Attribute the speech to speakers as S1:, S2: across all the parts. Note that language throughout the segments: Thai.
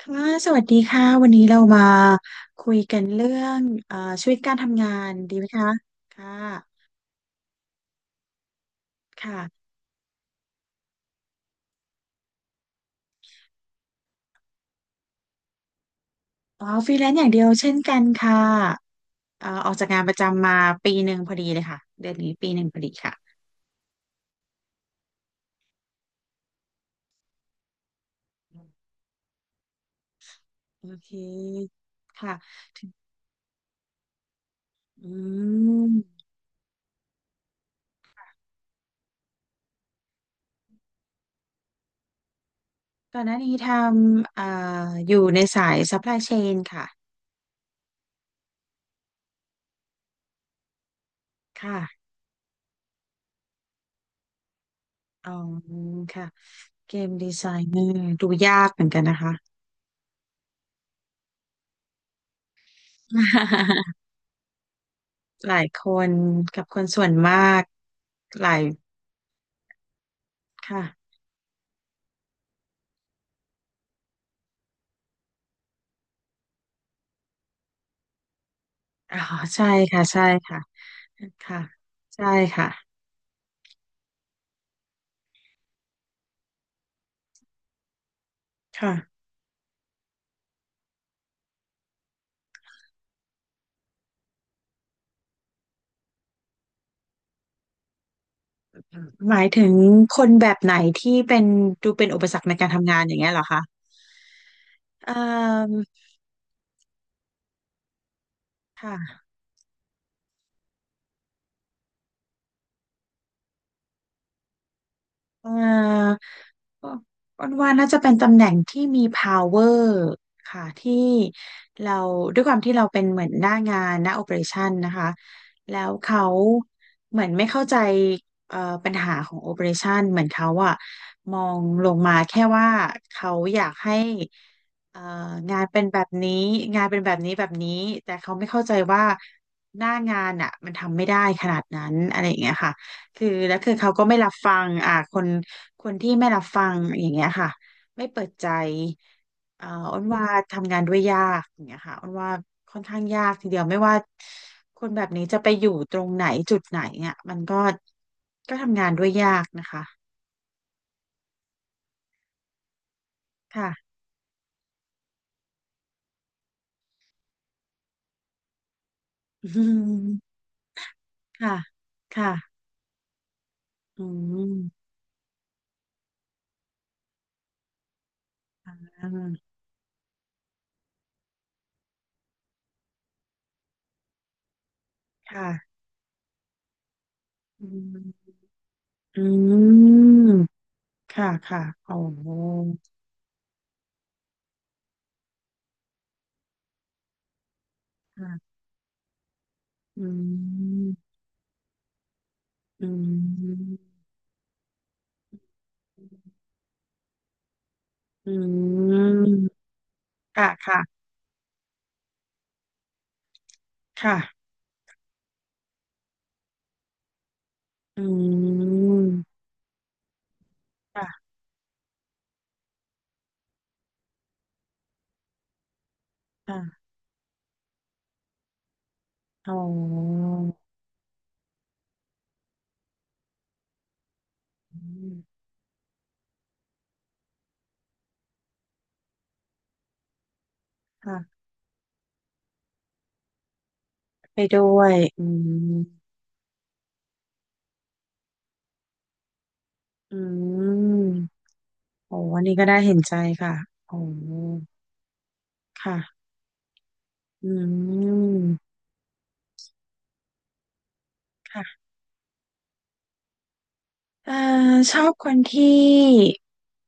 S1: ค่ะสวัสดีค่ะวันนี้เรามาคุยกันเรื่องเอ่อชีวิตการทำงานดีไหมคะค่ะค่ะอ๋อฟรีแลนซ์อย่างเดียวเช่นกันค่ะออกจากงานประจำมาปีหนึ่งพอดีเลยค่ะเดือนนี้ปีหนึ่งพอดีค่ะโอเคค่ะถึงอืมก่อนหน้านี้ทำอยู่ในสาย supply chain ค่ะค่ะอ๋อค่ะเกมดีไซเนอร์ดูยากเหมือนกันนะคะ หลายคนกับคนส่วนมากหลายค่ะอ๋อใช่ค่ะใช่ค่ะค่ะใช่ค่ะค่ะหมายถึงคนแบบไหนที่เป็นดูเป็นอุปสรรคในการทำงานอย่างเงี้ยเหรอคะเอ่อค่ะ เอ่ออ้อนว่าน่าจะเป็นตำแหน่งที่มี power ค่ะที่เราด้วยความที่เราเป็นเหมือนหน้างานหน้า operation นะคะแล้วเขาเหมือนไม่เข้าใจเอ่อปัญหาของ operation เหมือนเขาอะมองลงมาแค่ว่าเขาอยากให้เอ่องานเป็นแบบนี้งานเป็นแบบนี้แบบนี้แต่เขาไม่เข้าใจว่าหน้างานอะมันทำไม่ได้ขนาดนั้นอะไรอย่างเงี้ยค่ะ คือแล้วคือเขาก็ไม่รับฟังคนคนที่ไม่รับฟังอย่างเงี้ยค่ะไม่เปิดใจอ่าอ้นว่าทำงานด้วยยากอย่างเงี้ยค่ะอ้นว่าค่อนข้างยากทีเดียวไม่ว่าคนแบบนี้จะไปอยู่ตรงไหนจุดไหนเนี่ยมันก็ก็ทำงานด้วยยากนะคะค่ะ อืมค่ะค่ะอืมอ่าค่ะอืมอืมค่ะค่ะโอ้โหค่ะอืมอืม อืมค่ะค่ะค่ะอืมค่ะค่ะอ๋ออืมค่ะไปด้วยอืมอืมโอ้อันนี้ก็ได้เห็นใจค่ะโอ้ค่ะอืมค่ะเอ่อชอบคนที่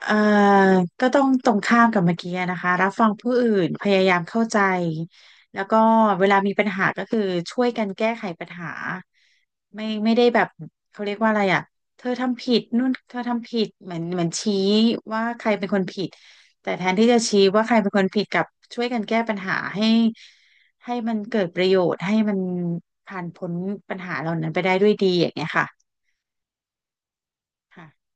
S1: เอ่อก็ต้องตรงข้ามกับเมื่อกี้นะคะรับฟังผู้อื่นพยายามเข้าใจแล้วก็เวลามีปัญหาก็คือช่วยกันแก้ไขปัญหาไม่ไม่ได้แบบเขาเรียกว่าอะไรอ่ะเธอทำผิดนู่นเธอทำผิดเหมือนเหมือนชี้ว่าใครเป็นคนผิดแต่แทนที่จะชี้ว่าใครเป็นคนผิดกับช่วยกันแก้ปัญหาให้ให้มันเกิดประโยชน์ให้มันผ่านพ้นปัญหาเหล่านั้นไปได้ด้วยดีอย่างเงี้ยค่ะค่ะ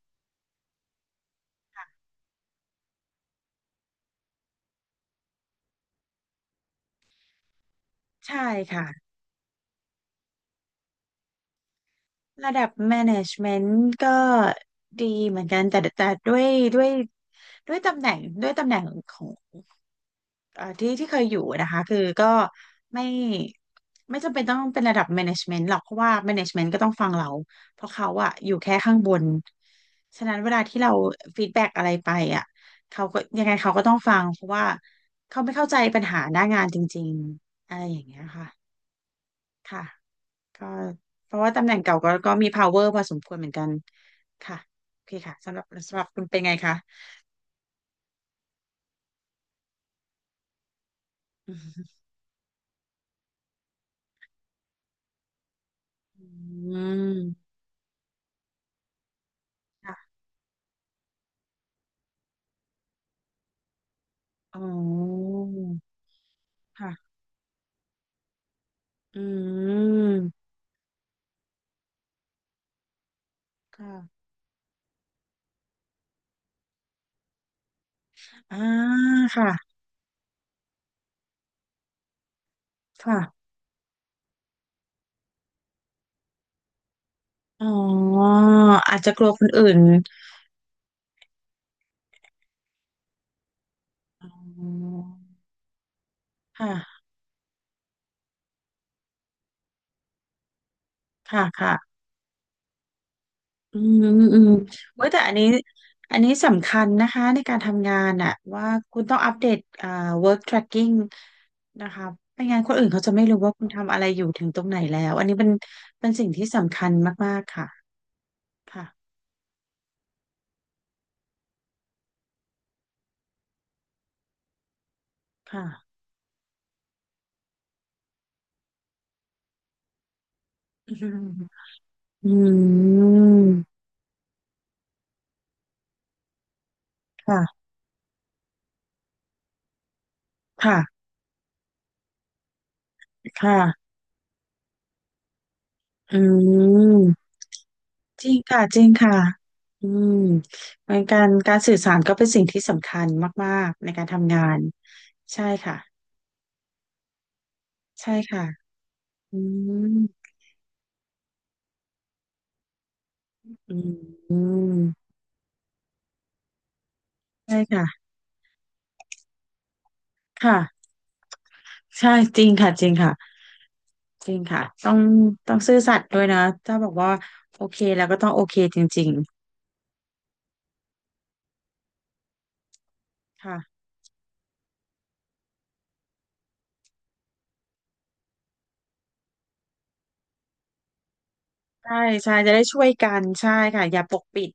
S1: ใช่ค่ะ ระดับ management ก็ดีเหมือนกันแต่แต่ด้วยด้วยด้วยตำแหน่งด้วยตำแหน่งของที่ที่เคยอยู่นะคะคือก็ไม่ไม่จำเป็นต้องเป็นระดับ management หรอกเพราะว่า management ก็ต้องฟังเราเพราะเขาอะอยู่แค่ข้างบนฉะนั้นเวลาที่เราฟีดแบ็กอะไรไปอะเขาก็ยังไงเขาก็ต้องฟังเพราะว่าเขาไม่เข้าใจปัญหาหน้างานจริงๆอะไรอย่างเงี้ยค่ะค่ะ ก็เพราะว่าตำแหน่งเก่าก็ก็มี power พอสมควรเหมือนกันค่ะโอเคค่ะสำหรับสำหรับคุณเป็นไงคะอืมอืมค่ะอ๋อค่ะอืมค่ะอ่าค่ะค่ะอ๋ออาจจะกลัวคนอื่นอ๋อค่ะค่ะค่ะ อืมอืมอืมเว้ยแต่อันนี้อันนี้สำคัญนะคะในการทำงานอะว่าคุณต้องอัปเดตwork tracking นะคะไม่งั้นคนอื่นเขาจะไม่รู้ว่าคุณทำอะไรอยู่ถึงตรงไหนแล้วอันนี้เป็นเป็นสิ่งที่สำคัญมากๆค่ะค่ะค่ะอืมอืมค่ะค่ะค่ะอืมจริงค่ะจริงค่ะอืมเหมือนการการสื่อสารก็เป็นสิ่งที่สำคัญมากๆในการทำงานใช่ค่ะใช่ค่ะ อืมอืมอืมใช่ค่ะค่ะ ใช่จริงค่ะจริงค่ะจริงค่ะต้องต้องซื่อสัตย์ด้วยนะถ้าบอกว่าโอเคแล้วก็ต้องโอเคจริงๆค่ะใช่ใช่จะได้ช่วยกันใช่ค่ะอย่าปกปิด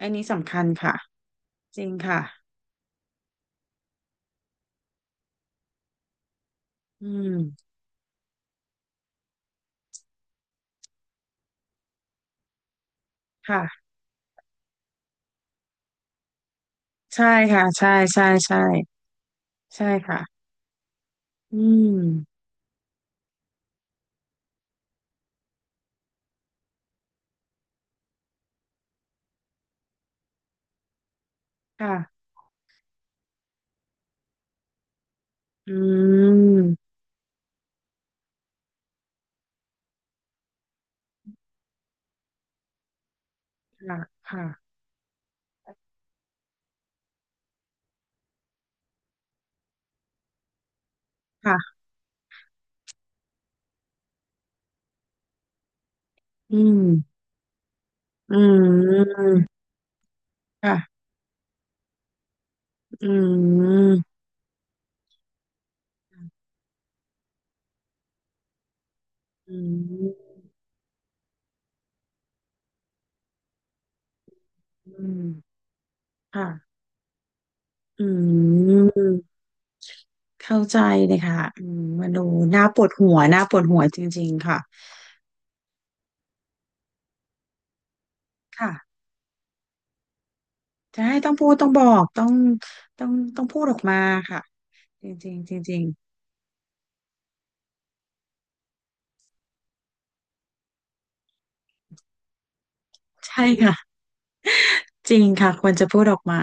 S1: อันนี้สำคัญค่ะจริงค่ะอืมค่ะใช่ค่ะใช่ใช่ใช่ใช่ค่ะอืมค่ะอืมค่ะค่ะค่ะอืมอืมค่ะอืมอืม อืมค่ะอืมเข้าใจเลยค่ะอืมมันดูน่าปวดหัวน่าปวดหัวจริงๆค่ะค่ะจะให้ต้องพูดต้องบอกต้องต้องต้องพูดออกมาค่ะจริงๆจริงๆใช่ค่ะ จริงค่ะควรจะพูดออกมา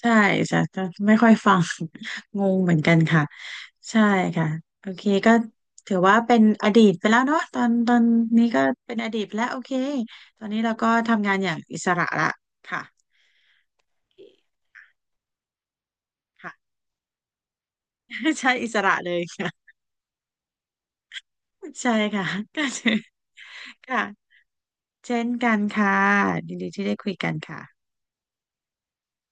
S1: ใช่จะจะไม่ค่อยฟัง งงเหมือนกันค่ะ ใช่ค่ะโอเคก็ถือว่าเป็นอดีตไปแล้วเนาะตอนตอนนี้ก็เป็นอดีตไปแล้วโอเคตอนนี้เราก็ทำงานอย่างอิสระละค่ะ ค่ะ ใช่อิสระเลยค่ะใช่ค่ะก็คือค่ะเช่นกันค่ะยินดีที่ได้คุยกันค่ะ